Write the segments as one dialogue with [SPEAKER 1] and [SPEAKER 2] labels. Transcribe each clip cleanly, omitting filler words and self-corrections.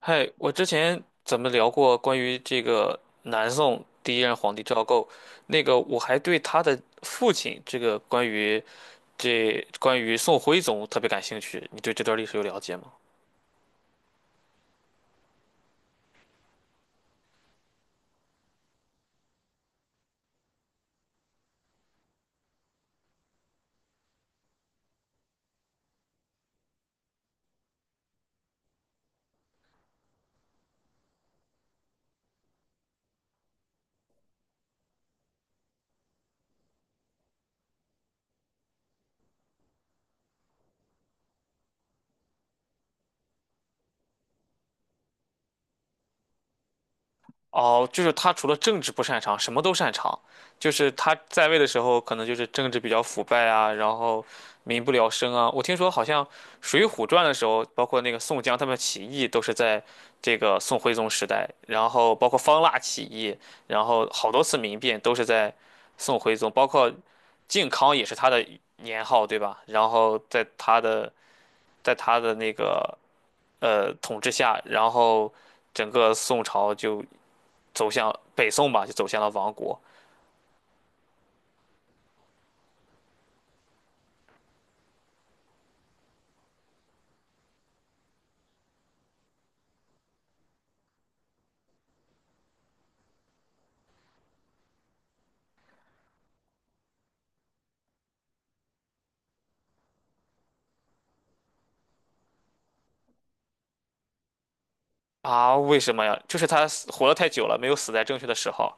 [SPEAKER 1] 嗨，我之前咱们聊过关于这个南宋第一任皇帝赵构，那个我还对他的父亲这个这关于宋徽宗特别感兴趣，你对这段历史有了解吗？哦，就是他除了政治不擅长，什么都擅长。就是他在位的时候，可能就是政治比较腐败啊，然后民不聊生啊。我听说好像《水浒传》的时候，包括那个宋江他们起义，都是在这个宋徽宗时代，然后包括方腊起义，然后好多次民变都是在宋徽宗，包括靖康也是他的年号，对吧？然后在他的那个统治下，然后整个宋朝就，走向北宋吧，就走向了亡国。啊？为什么呀？就是他死活得太久了，没有死在正确的时候。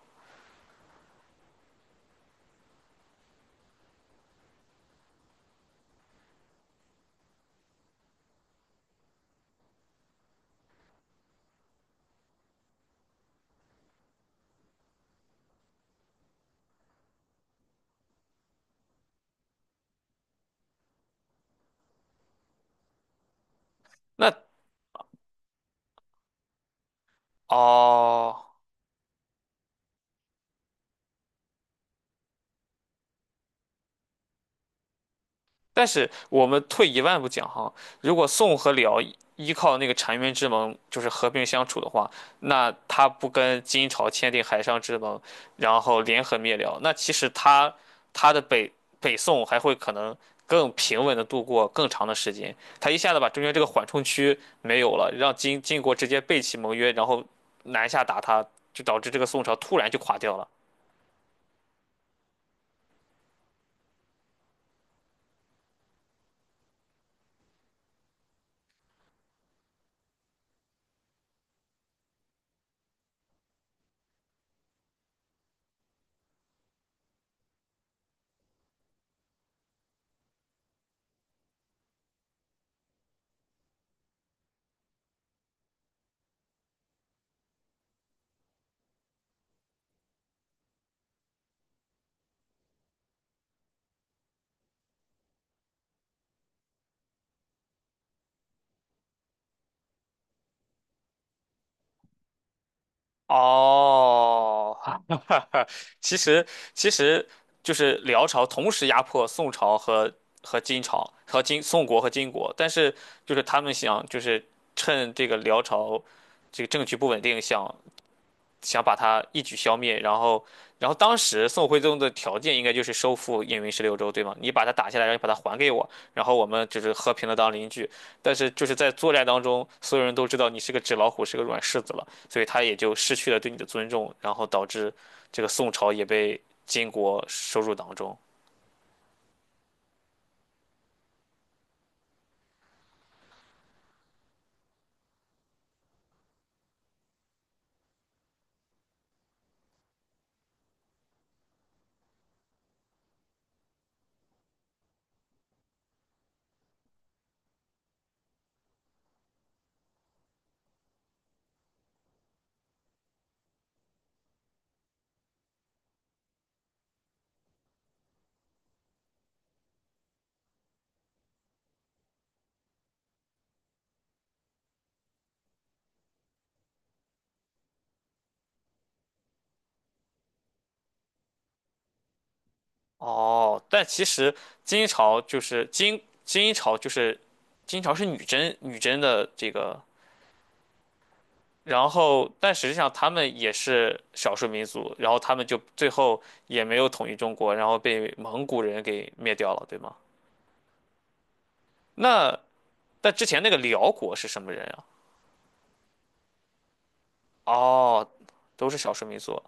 [SPEAKER 1] 那哦，但是我们退一万步讲哈，如果宋和辽依靠那个澶渊之盟就是和平相处的话，那他不跟金朝签订海上之盟，然后联合灭辽，那其实他的北宋还会可能更平稳的度过更长的时间。他一下子把中间这个缓冲区没有了，让金国直接背弃盟约，然后南下打他，就导致这个宋朝突然就垮掉了。哦，其实其实就是辽朝同时压迫宋朝和金朝和金宋国和金国，但是就是他们想就是趁这个辽朝这个政局不稳定，想把他一举消灭，然后，当时宋徽宗的条件应该就是收复燕云十六州，对吗？你把它打下来，然后你把它还给我，然后我们就是和平的当邻居。但是就是在作战当中，所有人都知道你是个纸老虎，是个软柿子了，所以他也就失去了对你的尊重，然后导致这个宋朝也被金国收入囊中。哦，但其实金朝就是金朝就是金朝是女真的这个然后，但实际上他们也是少数民族，然后他们就最后也没有统一中国，然后被蒙古人给灭掉了，对吗？那但之前那个辽国是什么人啊？哦，都是少数民族，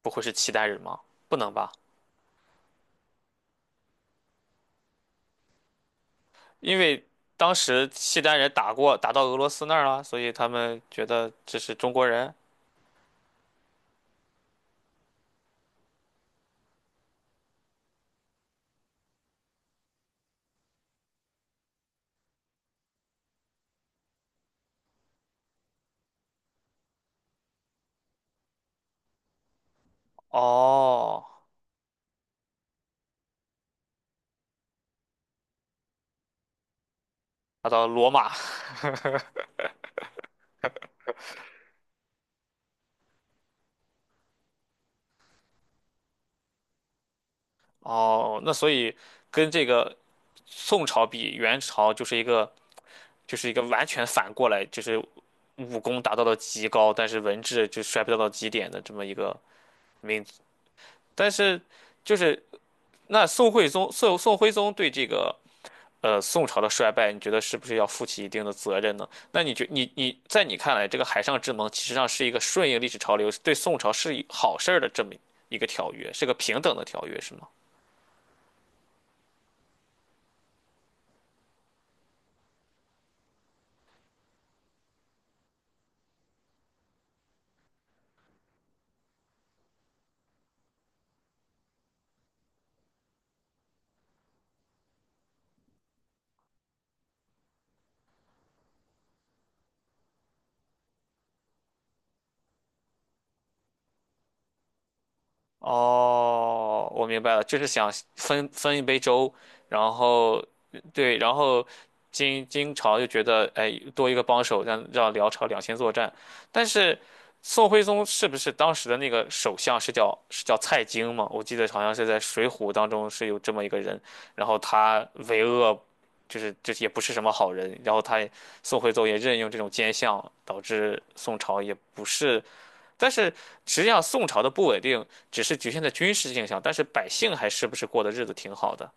[SPEAKER 1] 不会是契丹人吗？不能吧，因为当时契丹人打过，打到俄罗斯那儿了，所以他们觉得这是中国人。哦，打到罗马，哦，那所以跟这个宋朝比，元朝就是一个完全反过来，就是武功达到了极高，但是文治就衰败到了极点的这么一个民族。但是就是那宋徽宗对这个宋朝的衰败，你觉得是不是要负起一定的责任呢？那你觉你你在你看来，这个海上之盟其实上是一个顺应历史潮流，对宋朝是一好事儿的这么一个条约，是个平等的条约，是吗？哦，我明白了，就是想分一杯粥，然后对，然后金朝就觉得，哎，多一个帮手，让辽朝两线作战。但是宋徽宗是不是当时的那个首相是叫蔡京嘛？我记得好像是在《水浒》当中是有这么一个人，然后他为恶，就是也不是什么好人，然后宋徽宗也任用这种奸相，导致宋朝也不是。但是实际上宋朝的不稳定只是局限在军事性上，但是百姓还是不是过的日子挺好的。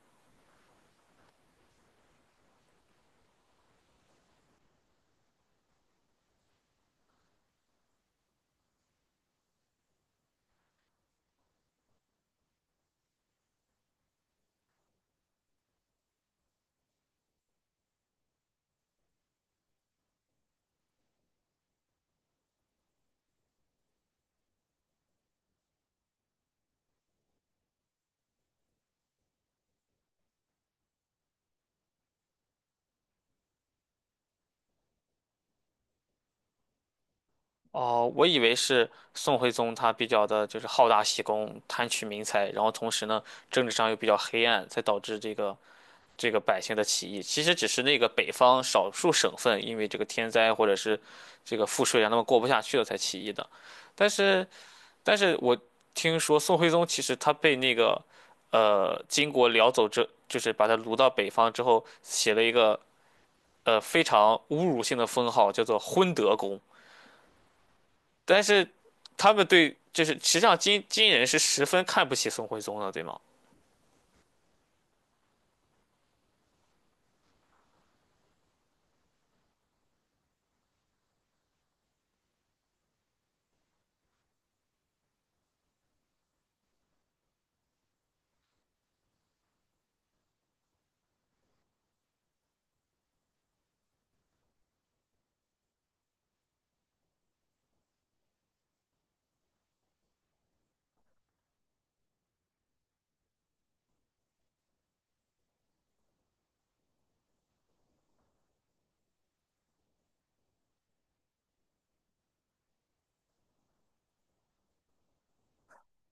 [SPEAKER 1] 哦，我以为是宋徽宗他比较的就是好大喜功、贪取民财，然后同时呢政治上又比较黑暗，才导致这个百姓的起义。其实只是那个北方少数省份因为这个天灾或者是这个赋税让他们过不下去了才起义的，但是。但是我听说宋徽宗其实他被那个金国辽走之，就是把他掳到北方之后，写了一个非常侮辱性的封号，叫做昏德公。但是他们对，就是实际上金人是十分看不起宋徽宗的，对吗？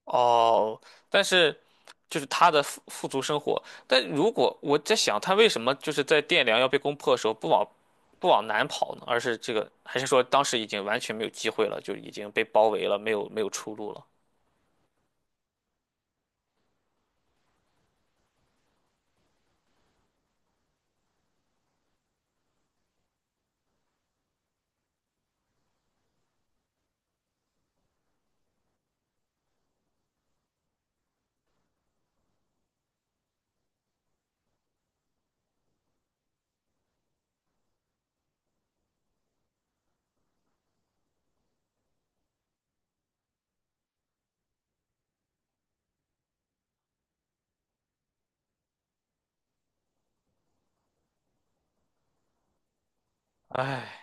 [SPEAKER 1] 哦，但是就是他的富足生活，但如果我在想，他为什么就是在汴梁要被攻破的时候不往南跑呢？而是这个，还是说当时已经完全没有机会了，就已经被包围了，没有出路了？唉，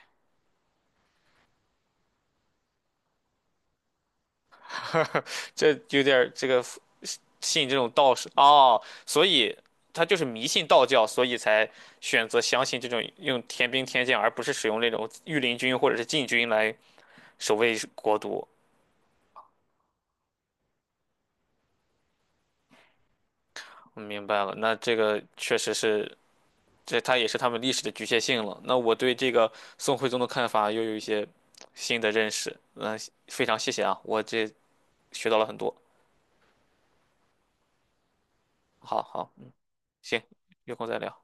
[SPEAKER 1] 这有点儿这个信这种道士哦，所以他就是迷信道教，所以才选择相信这种用天兵天将，而不是使用那种御林军或者是禁军来守卫国都。我明白了，那这个确实是，这它也是他们历史的局限性了。那我对这个宋徽宗的看法又有一些新的认识。嗯，非常谢谢啊，我这学到了很多。好好，嗯行，有空再聊。